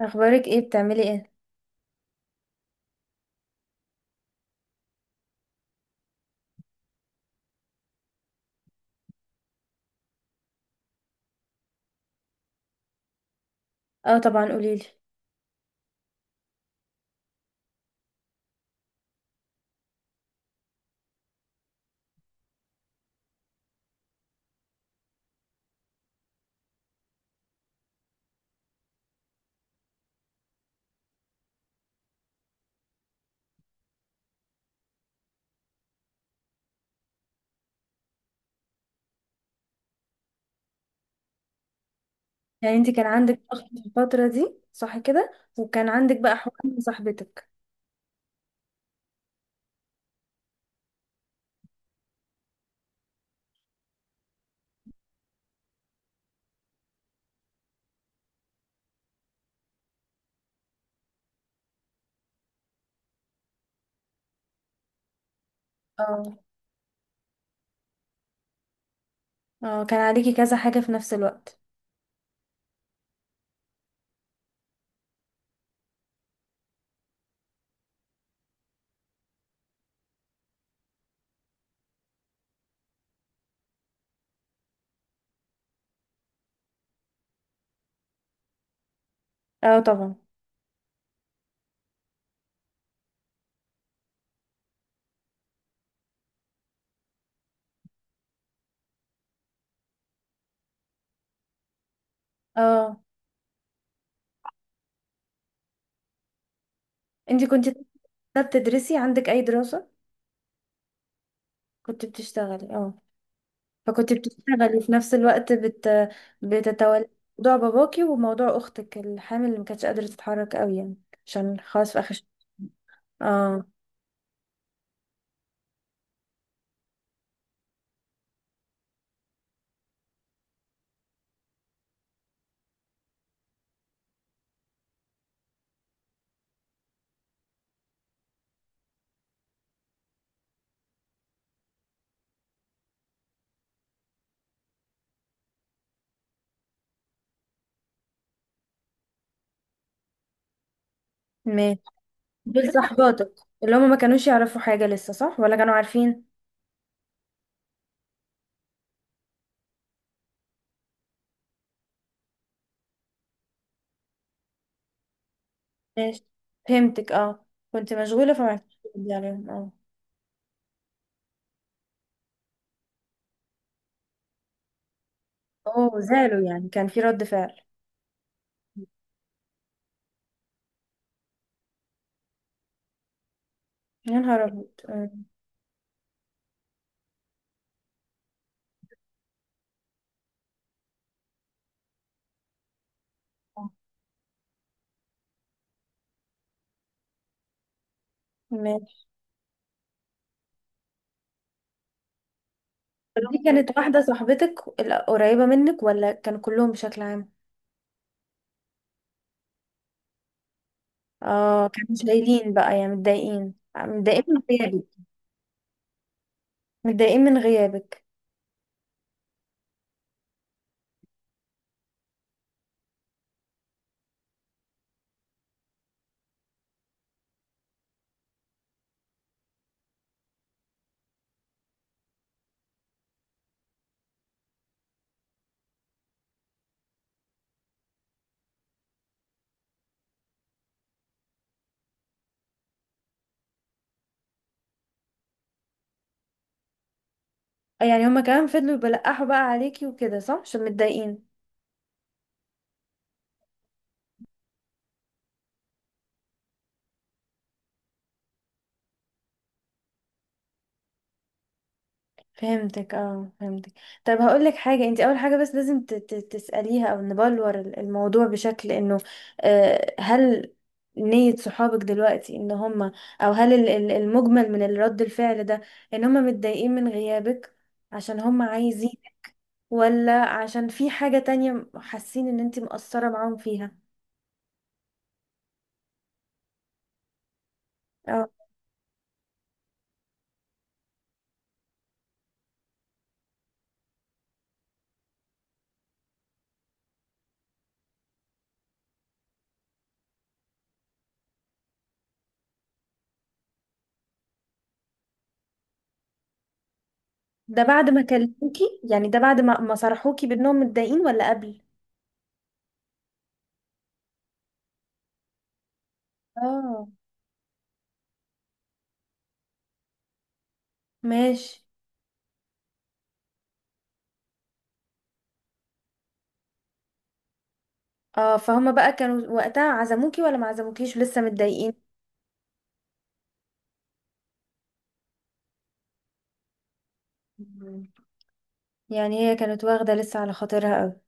اخبارك ايه؟ بتعملي ايه؟ اه، طبعا قوليلي. يعني انت كان عندك ضغط في الفترة دي، صح كده؟ وكان عندك بقى حوار من صاحبتك. اه. اه، كان عليكي كذا حاجة في نفس الوقت. اه، طبعا. اه، انت كنت بتدرسي؟ عندك اي دراسة؟ كنت بتشتغلي؟ اه. فكنت بتشتغلي في نفس الوقت بتتولي موضوع باباكي وموضوع اختك الحامل اللي ما كانتش قادرة تتحرك قوي يعني، عشان خلاص في اخر ش-. اه، ماشي. دول صاحباتك اللي هم ما كانوش يعرفوا حاجة لسه، صح؟ ولا كانوا عارفين؟ ماشي. فهمتك، اه. كنت مشغولة، فما عرفتش ردي عليهم، اه. اوه، زعلوا يعني؟ كان في رد فعل؟ يا نهار ابيض! أمم. آه، ماشي. طب دي كانت واحدة صاحبتك القريبة منك، ولا كانوا كلهم بشكل عام؟ اه، كانوا مش قايلين بقى يعني متضايقين من غيابك. متضايقين من غيابك. يعني هما كمان فضلوا يبلقحوا بقى عليكي وكده، صح؟ عشان متضايقين. فهمتك، اه، فهمتك. طب هقول لك حاجه، انت اول حاجه بس لازم تساليها، او نبلور الموضوع بشكل انه، هل نية صحابك دلوقتي ان هم، او هل المجمل من الرد الفعل ده ان هم متضايقين من غيابك عشان هم عايزين، ولا عشان في حاجه تانية حاسين ان انت مقصره معاهم فيها؟ اه، ده بعد ما كلموكي؟ يعني ده بعد ما صرحوكي بانهم متضايقين، ولا قبل؟ اه، ماشي. اه، فهم بقى كانوا وقتها عزموكي ولا ما عزموكيش ولسه متضايقين؟ مم. يعني هي كانت واخدة لسه على خاطرها قوي.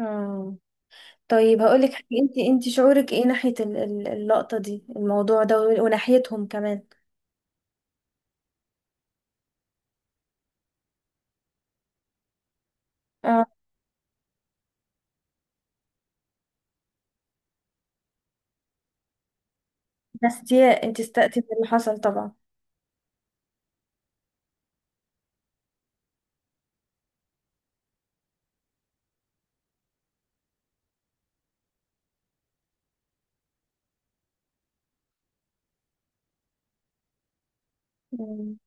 اه، طيب هقولك حاجة، انت شعورك ايه ناحية اللقطة دي، الموضوع ده، وناحيتهم كمان؟ اه، بس دي انت استقتي من اللي حصل طبعا. مم.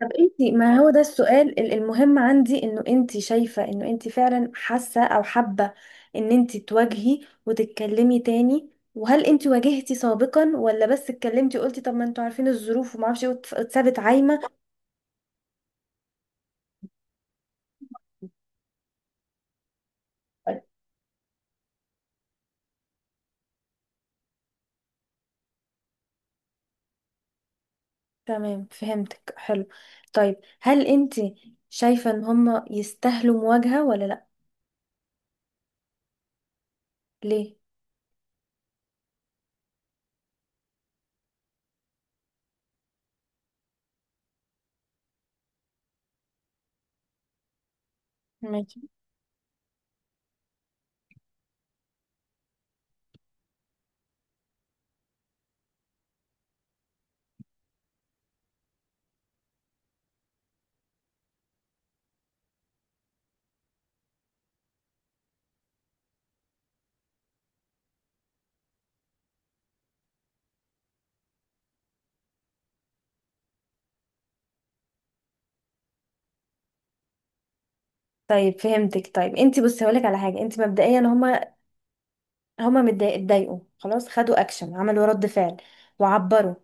طب انتي، ما هو ده السؤال المهم عندي، انه انتي شايفة انه انتي فعلا حاسة او حابة ان انتي تواجهي وتتكلمي تاني، وهل انتي واجهتي سابقا، ولا بس اتكلمتي وقلتي طب ما انتوا عارفين الظروف ومعرفش ايه، واتسابت عايمة؟ تمام، فهمتك، حلو. طيب هل انتي شايفة ان هما يستاهلوا مواجهة ولا لا؟ ليه؟ ماشي، طيب فهمتك. طيب انتي بصي، هقولك على حاجة. انتي مبدئيا هما، اتضايقوا خلاص، خدوا اكشن، عملوا رد فعل، وعبروا.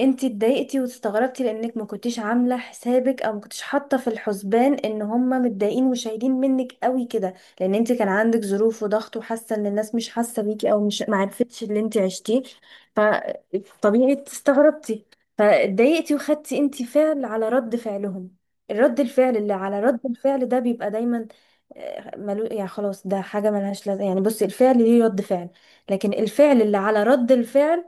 انتي اتضايقتي واستغربتي، لانك ما كنتيش عامله حسابك، او ما كنتيش حاطه في الحسبان ان هما متضايقين وشايلين منك قوي كده، لان انتي كان عندك ظروف وضغط، وحاسه ان الناس مش حاسه بيكي، او مش ما عرفتش اللي انتي عشتيه، فطبيعي استغربتي، فاتضايقتي، وخدتي انتي فعل على رد فعلهم. الرد الفعل اللي على رد الفعل ده بيبقى دايما، يعني خلاص، ده حاجه ملهاش لازمه. يعني بصي، الفعل ليه رد فعل، لكن الفعل اللي على رد الفعل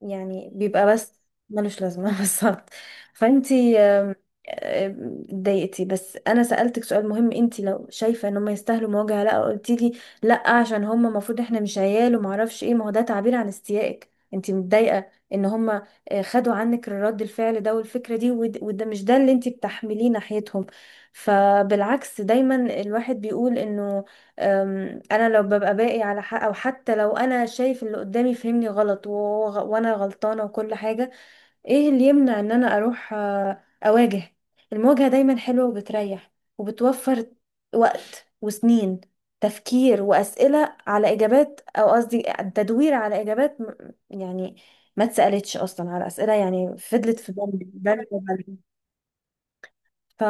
يعني بيبقى بس ملوش لازمة. بالظبط. فانتي، آم، آم، اتضايقتي. بس انا سألتك سؤال مهم، انتي لو شايفة ان هم يستاهلوا مواجهة، لا قلتي لي لا، عشان هم المفروض احنا مش عيال وما اعرفش ايه. ما هو ده تعبير عن استيائك، انتي متضايقة ان هم خدوا عنك رد الفعل ده والفكرة دي، وده مش ده اللي انتي بتحمليه ناحيتهم. فبالعكس دايما، الواحد بيقول انه، انا لو ببقى باقي على حق، او حتى لو انا شايف اللي قدامي فهمني غلط وانا غلطانه وكل حاجه، ايه اللي يمنع ان انا اروح اواجه؟ المواجهه دايما حلوه وبتريح، وبتوفر وقت وسنين تفكير، واسئله على اجابات، او قصدي تدوير على اجابات، يعني، ما اتسالتش اصلا على اسئله يعني، فضلت في بالي بالي وبالي. ف...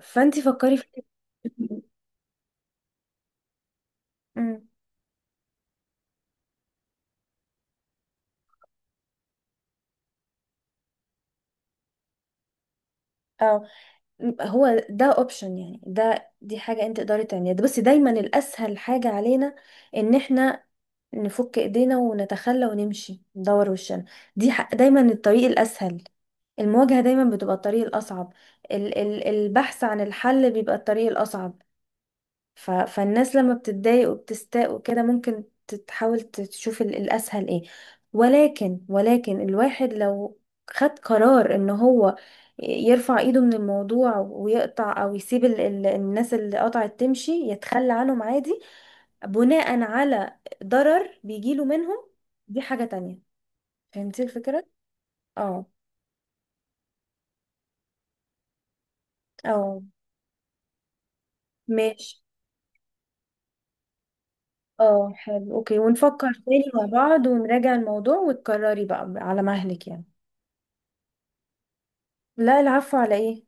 فانتي فكري في. مم. هو ده اوبشن، يعني دي حاجة انت تقدري تعمليها، بس دايما الاسهل حاجة علينا ان احنا نفك ايدينا ونتخلى ونمشي ندور وشنا. دايما الطريق الاسهل. المواجهة دايما بتبقى الطريق الاصعب. ال ال البحث عن الحل بيبقى الطريق الاصعب. فالناس لما بتتضايق وبتستاء وكده، ممكن تحاول تشوف الأسهل ايه. ولكن، الواحد لو خد قرار ان هو يرفع ايده من الموضوع ويقطع، او يسيب الناس اللي قطعت تمشي، يتخلى عنهم عادي، بناء على ضرر بيجيله منهم، دي حاجة تانية. فهمتي الفكرة؟ اه، اه، ماشي. اه حلو، اوكي، ونفكر تاني مع بعض ونراجع الموضوع، وتكرري بقى على مهلك يعني. لا، العفو على ايه.